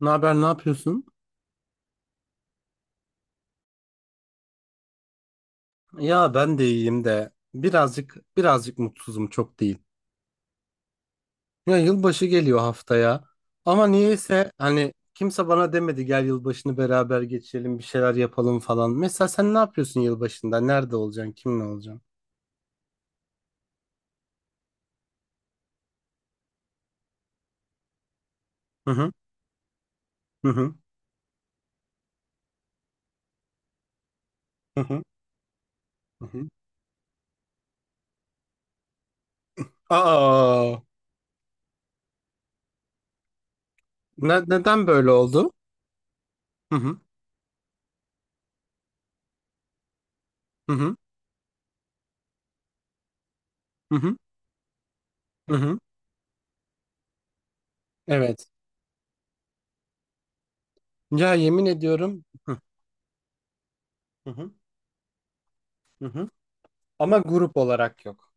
Ne haber, ne yapıyorsun? Ya ben de iyiyim de birazcık birazcık mutsuzum, çok değil. Ya yılbaşı geliyor haftaya ama niyeyse hani kimse bana demedi gel yılbaşını beraber geçirelim bir şeyler yapalım falan. Mesela sen ne yapıyorsun yılbaşında? Nerede olacaksın? Kimle olacaksın? Hı hı. Hı hı. Hı hı. Hı hı. Aa, neden böyle oldu? Hı hı. Hı hı. Hı hı. Hı hı. Evet. Ya yemin ediyorum. Hı. Hı hı. Hı. Ama grup olarak yok.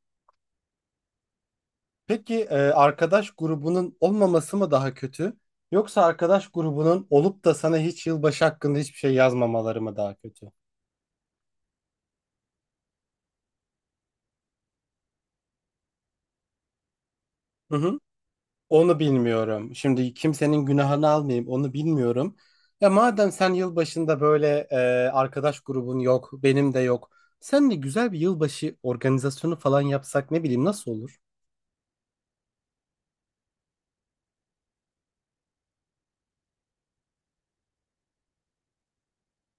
Peki arkadaş grubunun olmaması mı daha kötü? Yoksa arkadaş grubunun olup da sana hiç yılbaşı hakkında hiçbir şey yazmamaları mı daha kötü? Hı hı. Onu bilmiyorum. Şimdi kimsenin günahını almayayım, onu bilmiyorum. Ya madem sen yılbaşında böyle arkadaş grubun yok, benim de yok. Sen de güzel bir yılbaşı organizasyonu falan yapsak ne bileyim, nasıl olur?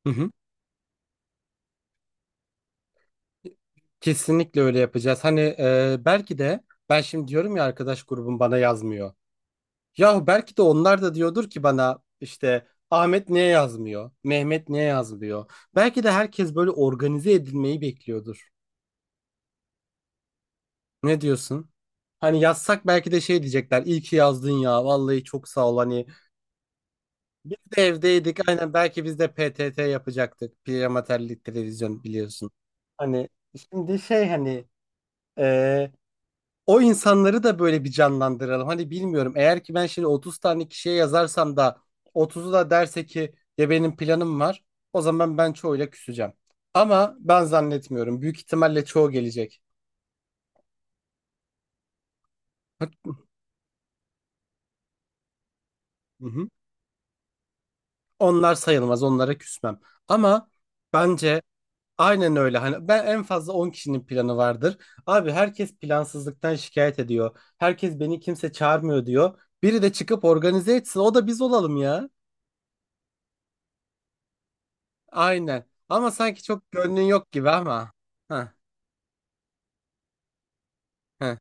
Hı hı. Kesinlikle öyle yapacağız. Hani belki de ben şimdi diyorum ya arkadaş grubum bana yazmıyor. Yahu belki de onlar da diyordur ki bana, işte Ahmet niye yazmıyor? Mehmet niye yazmıyor? Belki de herkes böyle organize edilmeyi bekliyordur. Ne diyorsun? Hani yazsak belki de şey diyecekler. İyi ki yazdın ya. Vallahi çok sağ ol. Hani biz de evdeydik. Aynen, belki biz de PTT yapacaktık. Piyamaterlik televizyon biliyorsun. Hani şimdi şey, hani e, o insanları da böyle bir canlandıralım. Hani bilmiyorum, eğer ki ben şimdi 30 tane kişiye yazarsam da 30'u da derse ki ya benim planım var, o zaman ben çoğuyla küseceğim. Ama ben zannetmiyorum. Büyük ihtimalle çoğu gelecek. Hı hı. Onlar sayılmaz, onlara küsmem. Ama bence aynen öyle. Hani ben en fazla 10 kişinin planı vardır. Abi herkes plansızlıktan şikayet ediyor. Herkes beni kimse çağırmıyor diyor. Biri de çıkıp organize etsin. O da biz olalım ya. Aynen. Ama sanki çok gönlün yok gibi ama. Heh. Heh.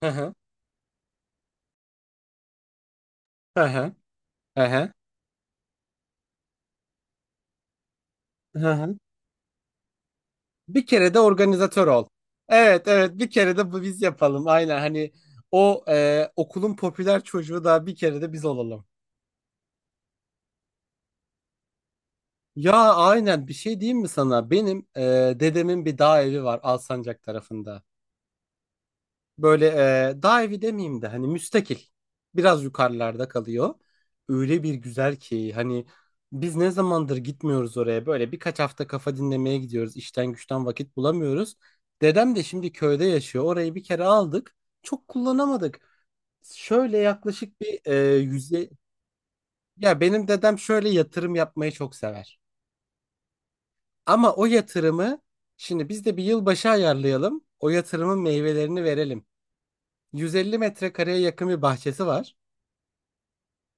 Heh. Heh. Heh. Heh. Heh. Bir kere de organizatör ol. Evet evet, bir kere de bu biz yapalım. Aynen, hani o okulun popüler çocuğu da bir kere de biz olalım. Ya aynen, bir şey diyeyim mi sana? Benim dedemin bir dağ evi var Alsancak tarafında. Böyle dağ evi demeyeyim de hani müstakil. Biraz yukarılarda kalıyor. Öyle bir güzel ki, hani biz ne zamandır gitmiyoruz oraya. Böyle birkaç hafta kafa dinlemeye gidiyoruz. İşten güçten vakit bulamıyoruz. Dedem de şimdi köyde yaşıyor. Orayı bir kere aldık. Çok kullanamadık. Şöyle yaklaşık bir yüze... Ya benim dedem şöyle yatırım yapmayı çok sever. Ama o yatırımı, şimdi biz de bir yılbaşı ayarlayalım. O yatırımın meyvelerini verelim. 150 metrekareye yakın bir bahçesi var.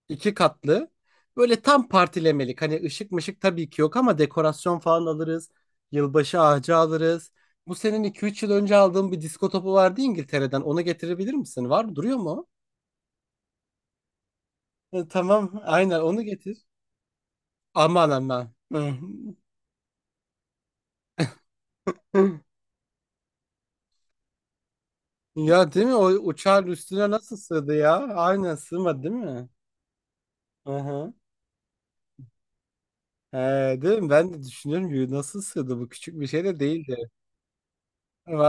İki katlı. Böyle tam partilemelik. Hani ışık mışık tabii ki yok ama dekorasyon falan alırız. Yılbaşı ağacı alırız. Bu senin 2-3 yıl önce aldığın bir disko topu vardı İngiltere'den. Onu getirebilir misin? Var mı? Duruyor mu o? Tamam. Aynen onu getir. Aman aman. Hı. Hı. Ya değil mi? O uçağın üstüne nasıl sığdı ya? Aynen sığmadı değil mi? Hı hı. He, değil mi? Ben de düşünüyorum ki nasıl sığdı, bu küçük bir şey de değildi. Ama-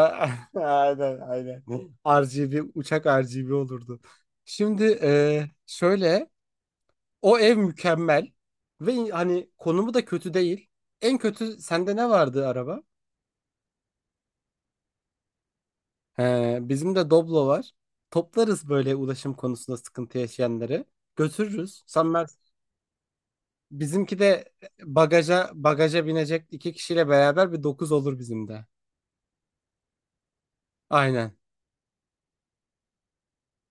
Aynen aynen. RGB uçak RGB olurdu. Şimdi şöyle o ev mükemmel ve hani konumu da kötü değil. En kötü sende ne vardı, araba? He, bizim de Doblo var. Toplarız böyle ulaşım konusunda sıkıntı yaşayanları. Götürürüz. Sen Mer- bizimki de bagaja bagaja binecek iki kişiyle beraber bir dokuz olur bizim de. Aynen.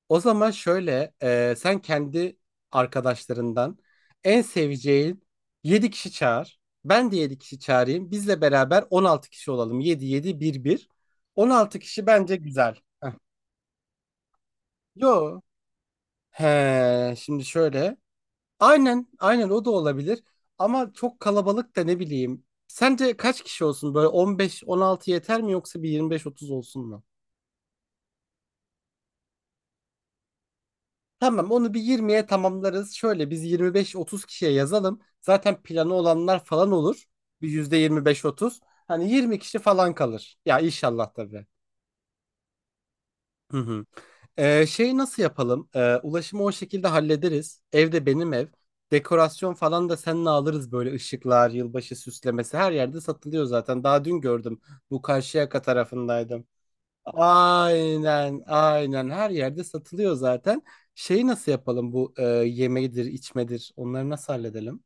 O zaman şöyle, sen kendi arkadaşlarından en seveceğin 7 kişi çağır. Ben de 7 kişi çağırayım. Bizle beraber 16 kişi olalım. Yedi yedi bir bir, 16 kişi bence güzel. Heh. Yo. He, şimdi şöyle. Aynen, aynen o da olabilir. Ama çok kalabalık da ne bileyim. Sence kaç kişi olsun? Böyle 15-16 yeter mi, yoksa bir 25-30 olsun mu? Tamam, onu bir 20'ye tamamlarız. Şöyle biz 25-30 kişiye yazalım. Zaten planı olanlar falan olur. Bir yüzde %25-30. Hani 20 kişi falan kalır. Ya inşallah tabii. Hı hı. Şey nasıl yapalım? Ulaşımı o şekilde hallederiz. Evde, benim ev. Dekorasyon falan da seninle alırız, böyle ışıklar, yılbaşı süslemesi her yerde satılıyor zaten. Daha dün gördüm. Bu Karşıyaka tarafındaydım. Aynen, aynen. Her yerde satılıyor zaten. Şeyi nasıl yapalım, bu yemeğidir, içmedir? Onları nasıl halledelim?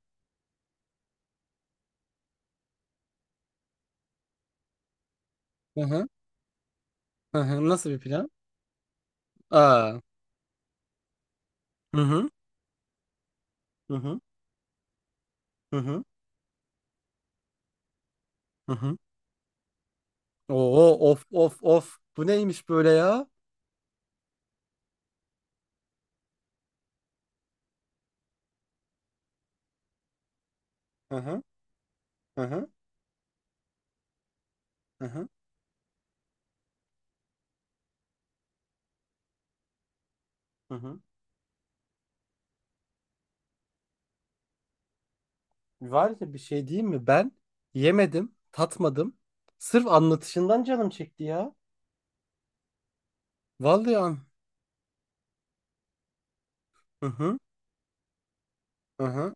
Hı hı. Hı hı. Nasıl bir plan? Aa. Hı hı. Hı hı. Hı hı. Hı hı. Oo, of of of. Bu neymiş böyle ya? Hı hı. Hı hı. Hı hı. Hı hı. Var ya, bir şey diyeyim mi? Ben yemedim, tatmadım. Sırf anlatışından canım çekti ya. Vallahi an. Hı hı. Hı hı.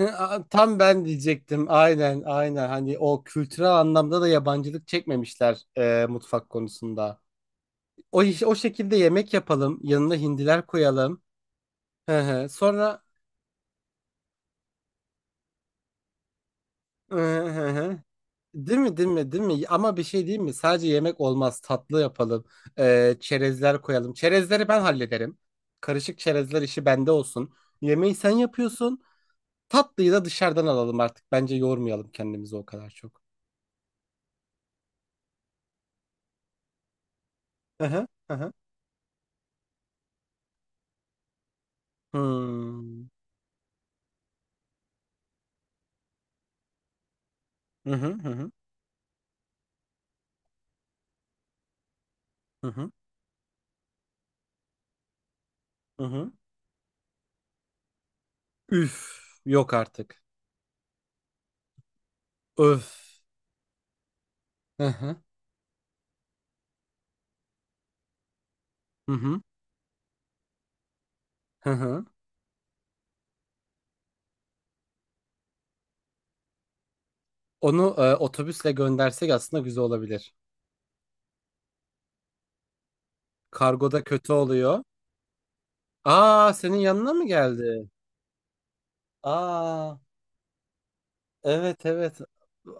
Aa, tam ben diyecektim. Aynen, aynen. Hani o kültürel anlamda da yabancılık çekmemişler mutfak konusunda. O şekilde yemek yapalım. Yanına hindiler koyalım. Hı hı. Sonra hı hı hı. Değil mi, değil mi, değil mi? Ama bir şey değil mi? Sadece yemek olmaz. Tatlı yapalım. Çerezler koyalım. Çerezleri ben hallederim. Karışık çerezler işi bende olsun. Yemeği sen yapıyorsun. Tatlıyı da dışarıdan alalım artık. Bence yormayalım kendimizi o kadar çok. Hı hı. Hı hı. Hmm. Hı hı. Hı hı. Hı hı. Hı hı. Üf, yok artık. Öf. Hı hı. Hı hı. Hı hı. Onu otobüsle göndersek aslında güzel olabilir. Kargoda kötü oluyor. Aa, senin yanına mı geldi? Aa, evet evet.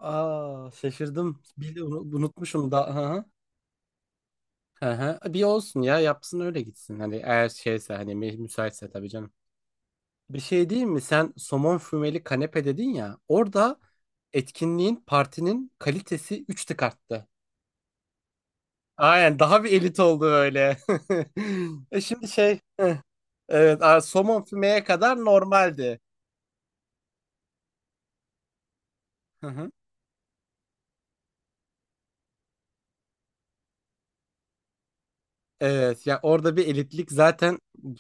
Aa, şaşırdım. Bir de unutmuşum da. Hı hı. Hı hı. Bir olsun ya, yapsın öyle gitsin. Hani eğer şeyse, hani müsaitse tabii canım. Bir şey diyeyim mi? Sen somon fümeli kanepe dedin ya. Orada etkinliğin, partinin kalitesi 3 tık arttı. Aynen, daha bir elit oldu öyle. Şimdi şey, evet, somon fümeye kadar normaldi. Hı hı. Evet, ya orada bir elitlik zaten,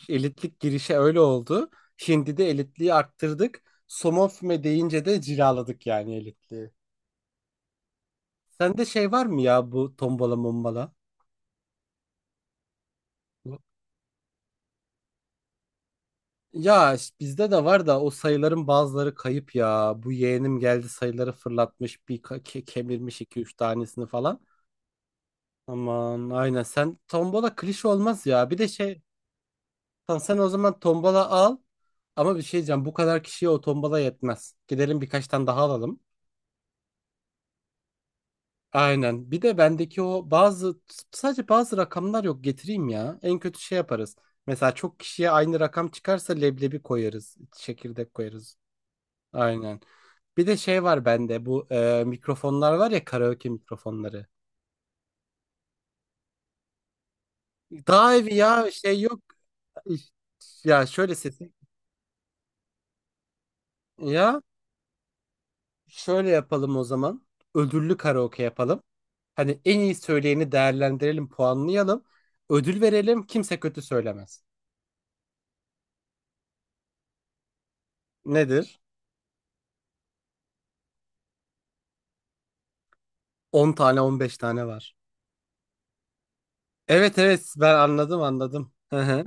elitlik girişe öyle oldu. Şimdi de elitliği arttırdık. Somon füme deyince de cilaladık yani elitliği. Sende şey var mı ya, bu tombala mombala? Ya işte bizde de var da o sayıların bazıları kayıp ya. Bu yeğenim geldi, sayıları fırlatmış, bir kemirmiş iki üç tanesini falan. Aman aynen, sen tombola klişe olmaz ya. Bir de şey, sen o zaman tombola al ama bir şey diyeceğim, bu kadar kişiye o tombola yetmez. Gidelim birkaç tane daha alalım. Aynen, bir de bendeki o bazı, sadece bazı rakamlar yok, getireyim ya. En kötü şey yaparız. Mesela çok kişiye aynı rakam çıkarsa leblebi koyarız, çekirdek koyarız. Aynen. Bir de şey var bende, bu mikrofonlar var ya, karaoke mikrofonları. Daha evi ya şey yok. Ya şöyle sesi. Ya şöyle yapalım o zaman. Ödüllü karaoke yapalım. Hani en iyi söyleyeni değerlendirelim, puanlayalım. Ödül verelim, kimse kötü söylemez. Nedir? 10-15 tane var. Evet evet, ben anladım anladım. Hı hı.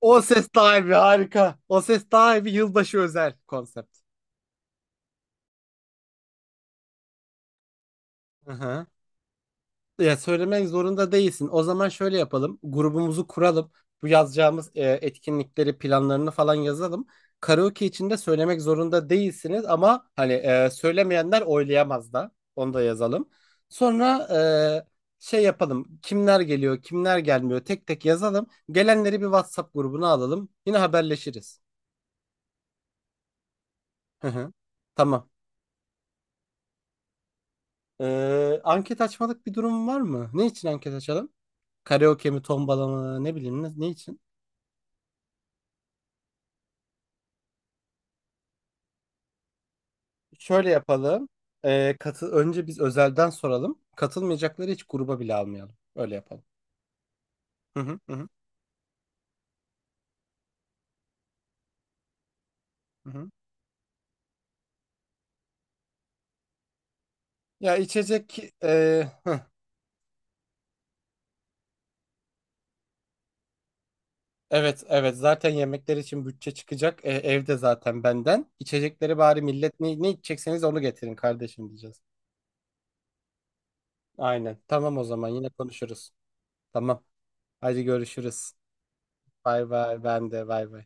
O ses daha iyi, harika. O ses daha iyi yılbaşı özel konsept. Hı hı. Ya söylemek zorunda değilsin. O zaman şöyle yapalım. Grubumuzu kuralım. Bu yazacağımız etkinlikleri, planlarını falan yazalım. Karaoke için de söylemek zorunda değilsiniz ama hani söylemeyenler oylayamaz da. Onu da yazalım. Sonra şey yapalım. Kimler geliyor, kimler gelmiyor tek tek yazalım. Gelenleri bir WhatsApp grubuna alalım. Yine haberleşiriz. Hı hı. Tamam. Anket açmalık bir durum var mı? Ne için anket açalım? Karaoke mi, tombala mı, ne bileyim, ne, ne için? Şöyle yapalım. Katı önce biz özelden soralım. Katılmayacakları hiç gruba bile almayalım. Öyle yapalım. Hı hı. Hı hı. Hı hı. Ya içecek hı. Evet evet, zaten yemekler için bütçe çıkacak. Evde zaten benden. İçecekleri bari millet, ne, ne içecekseniz onu getirin kardeşim diyeceğiz. Aynen. Tamam o zaman, yine konuşuruz. Tamam. Hadi görüşürüz. Bay bay, ben de bay bay.